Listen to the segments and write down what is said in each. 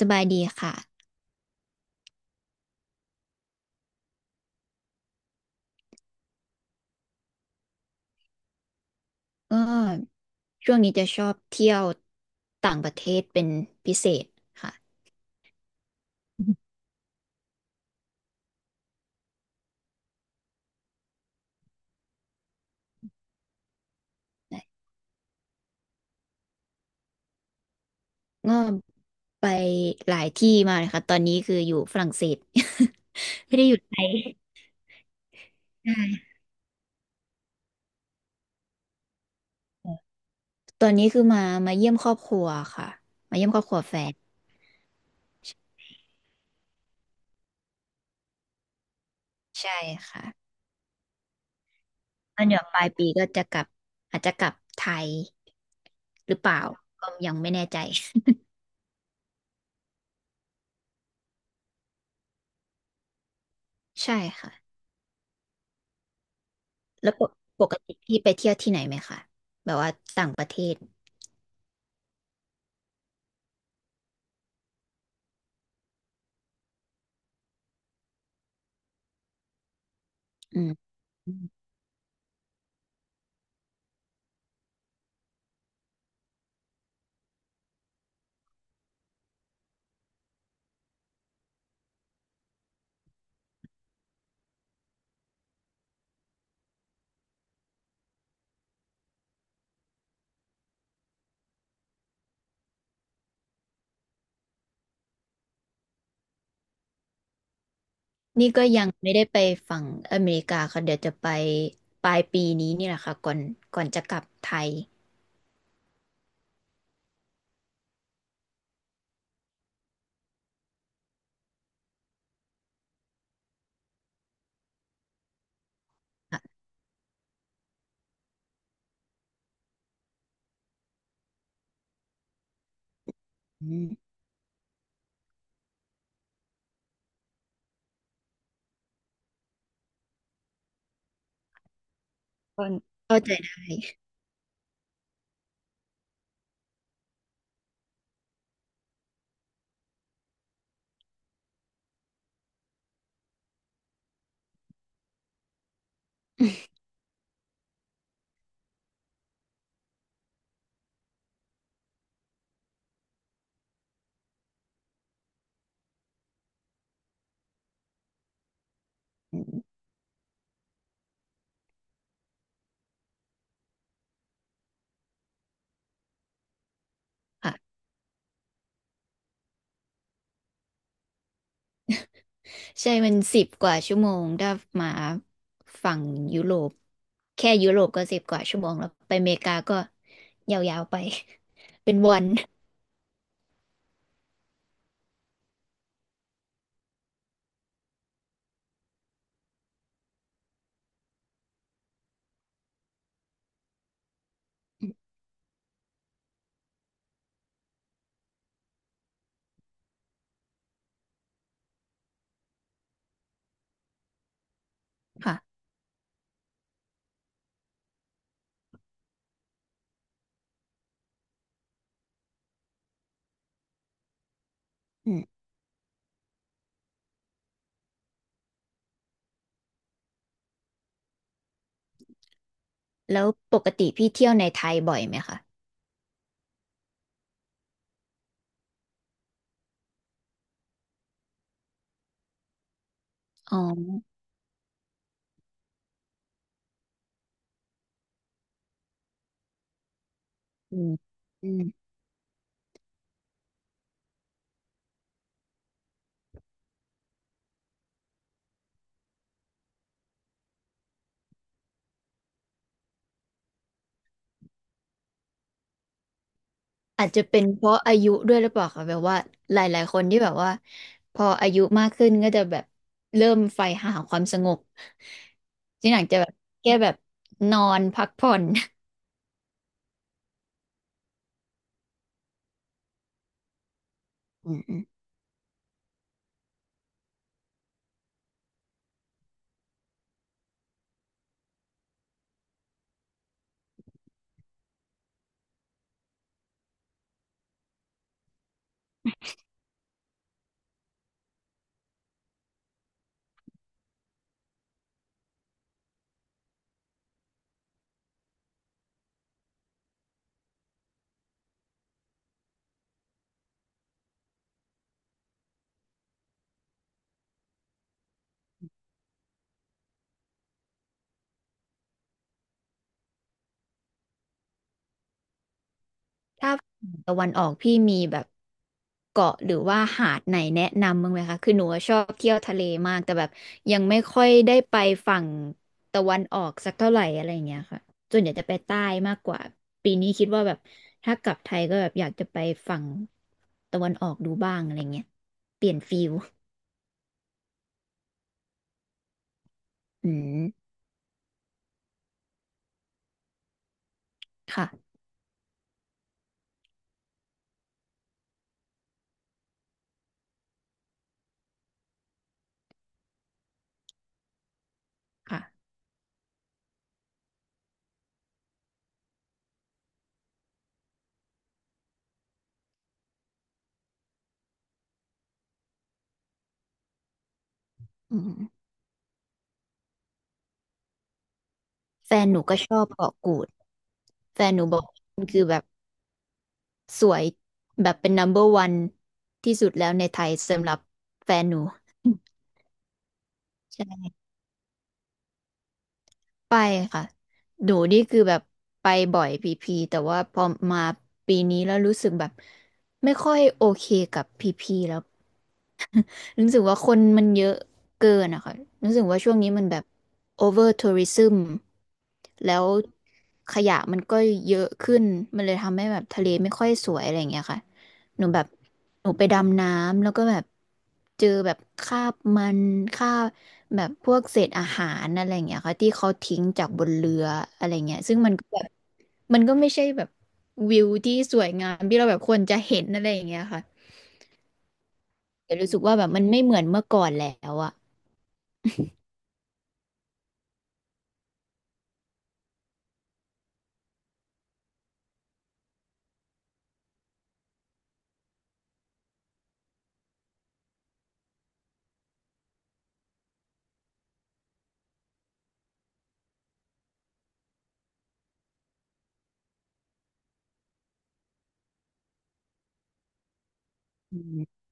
สบายดีค่ะก็ช่วงนี้จะชอบเที่ยวต่างประเทศเป็นพิเศษค่ะก็ไปหลายที่มาเลยค่ะตอนนี้คืออยู่ฝรั่งเศส ไม่ได้อยู่ไทยใช่ตอนนี้คือมาเยี่ยมครอบครัวค่ะ มาเยี่ยมครอบครัวแฟน ใช่ค่ะตอนเดี๋ยวปลายปีก็จะกลับ อาจจะกลับไทยหรือเปล่าก็ยังไม่แน่ใจ ใช่ค่ะ แล้วปกติพี่ไปเที่ยวที่ไหนไหมคะแบบว่าต่างประเทศ อืมนี่ก็ยังไม่ได้ไปฝั่งอเมริกาค่ะเดี๋ยวจะไปปลายปีนี้นี่แหละค่ะก่อนจะกลับไทยอืมก็เข้าใจได้ค่ะใช่มันสิบกว่าชั่วโมงถ้ามาฝั่งยุโรปแค่ยุโรปก็สิบกว่าชั่วโมงแล้วไปอเมริกาก็ยาวๆไป เป็นวันค่ะอืมแล้วปกติพี่เที่ยวในไทยบ่อยไหมคะอ๋ออืม อาจจะเป็นเพราะอายุด้วยหรือเปล่าคะแบบว่าหลายๆคนที่แบบว่าพออายุมากขึ้นก็จะแบบเริ่มใฝ่หาความสงบที่หนังจะแบบแค่แบบนอนพักผ่อน อืม ตะวันออกพี่มีแบบเกาะหรือว่าหาดไหนแนะนำบ้างไหมคะคือหนูชอบเที่ยวทะเลมากแต่แบบยังไม่ค่อยได้ไปฝั่งตะวันออกสักเท่าไหร่อะไรอย่างเงี้ยค่ะส่วนใหญ่จะไปใต้มากกว่าปีนี้คิดว่าแบบถ้ากลับไทยก็แบบอยากจะไปฝั่งตะวันออกดูบ้างอะไรเงี้ยเปลี่ยนฟิลอืมค่ะค่ะอืมแฟนหนูก็ชอบเกาะกูดแฟนหนูบอกมันคือแบบ สวยแบบเป็น number one ที่สุดแล้วในไทยสำหรับแฟนหนู ใช่ไปค่ะหนูนี่คือแบบไปบ่อยพีพีแต่ว่าพอมาปีนี้แล้วรู้สึกแบบไม่ค่อยโอเคกับพีพีแล้ว รู้สึกว่าคนมันเยอะเกินอะค่ะรู้สึกว่าช่วงนี้มันแบบ over tourism แล้วขยะมันก็เยอะขึ้น มันเลยทำให้แบบทะเลไม่ค่อยสวยอะไรอย่างเงี้ยค่ะหนูแบบหนูไปดำน้ำแล้วก็แบบเจอแบบคราบมันคราบแบบพวกเศษอาหารอะไรอย่างเงี้ยค่ะที่เขาทิ้งจากบนเรืออะไรเงี้ยซึ่งมันก็แบบมันก็ไม่ใช่แบบวิวที่สวยงามที่เราแบบควรจะเห็นอะไรอย่างเงี้ยค่ะแต่รู้สึกว่าแบบมันไม่เหมือนเมื่อก่อนแล้วอะ อืม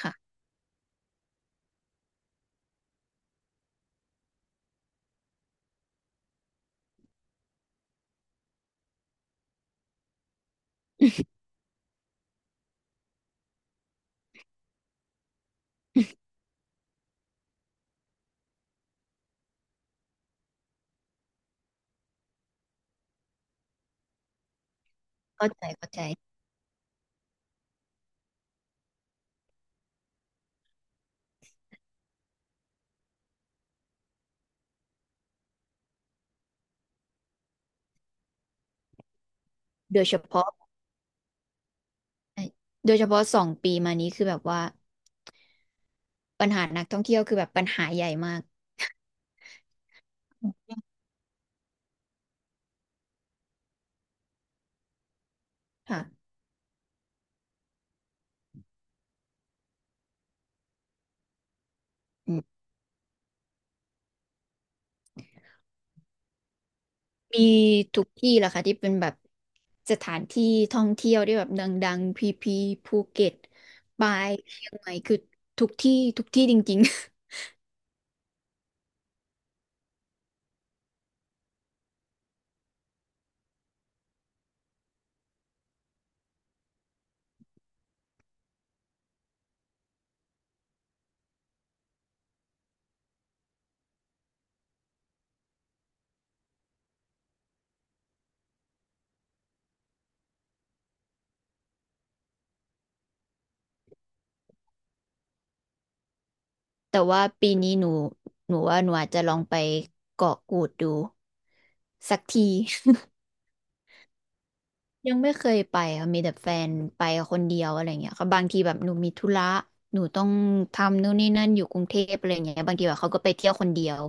ค่ะ เข้าใจเข้าใจโดยเฉพาะโดยเฉพาะสองปีมานี้คือแบบว่าปัญหานักท่องเที่ยวคือแบบปัญหาใหญ่มากค่ะอืมมีทุกที่แหละค่ะที่เป็นแบบสถานที่ท่องเที่ยวที่แบบดังๆพีพีภูเก็ตปายเชียงใหม่คือทุกที่ทุกที่จริงๆ แต่ว่าปีนี้หนูว่าหนูอาจจะลองไปเกาะกูดดูสักที ยังไม่เคยไปค่ะมีแต่แฟนไป คนเดียวอะไรเงี้ยค่ะบางทีแบบหนูมีธุระหนูต้องทำนู่นนี่นั่นอยู่กรุงเทพอะไรเงี้ยบางทีแบบเขาก็ไปเที่ยวคนเดียว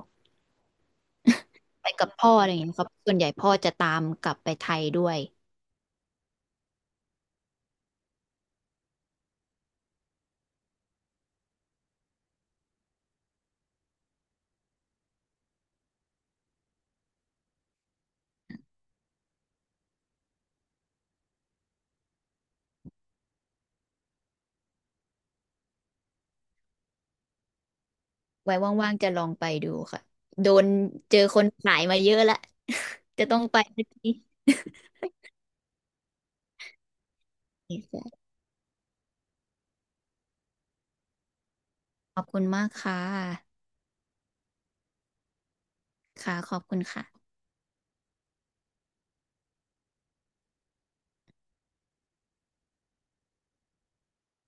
ไปกับพ่ออะไรเงี้ยครับส่วนใหญ่พ่อจะตามกลับไปไทยด้วยไว้ว่างๆจะลองไปดูค่ะโดนเจอคนขายมาเยอะละ จะต้องไปสักทีขอบคุณมากค่ะ ค่ะ ขอบคุณค่ะ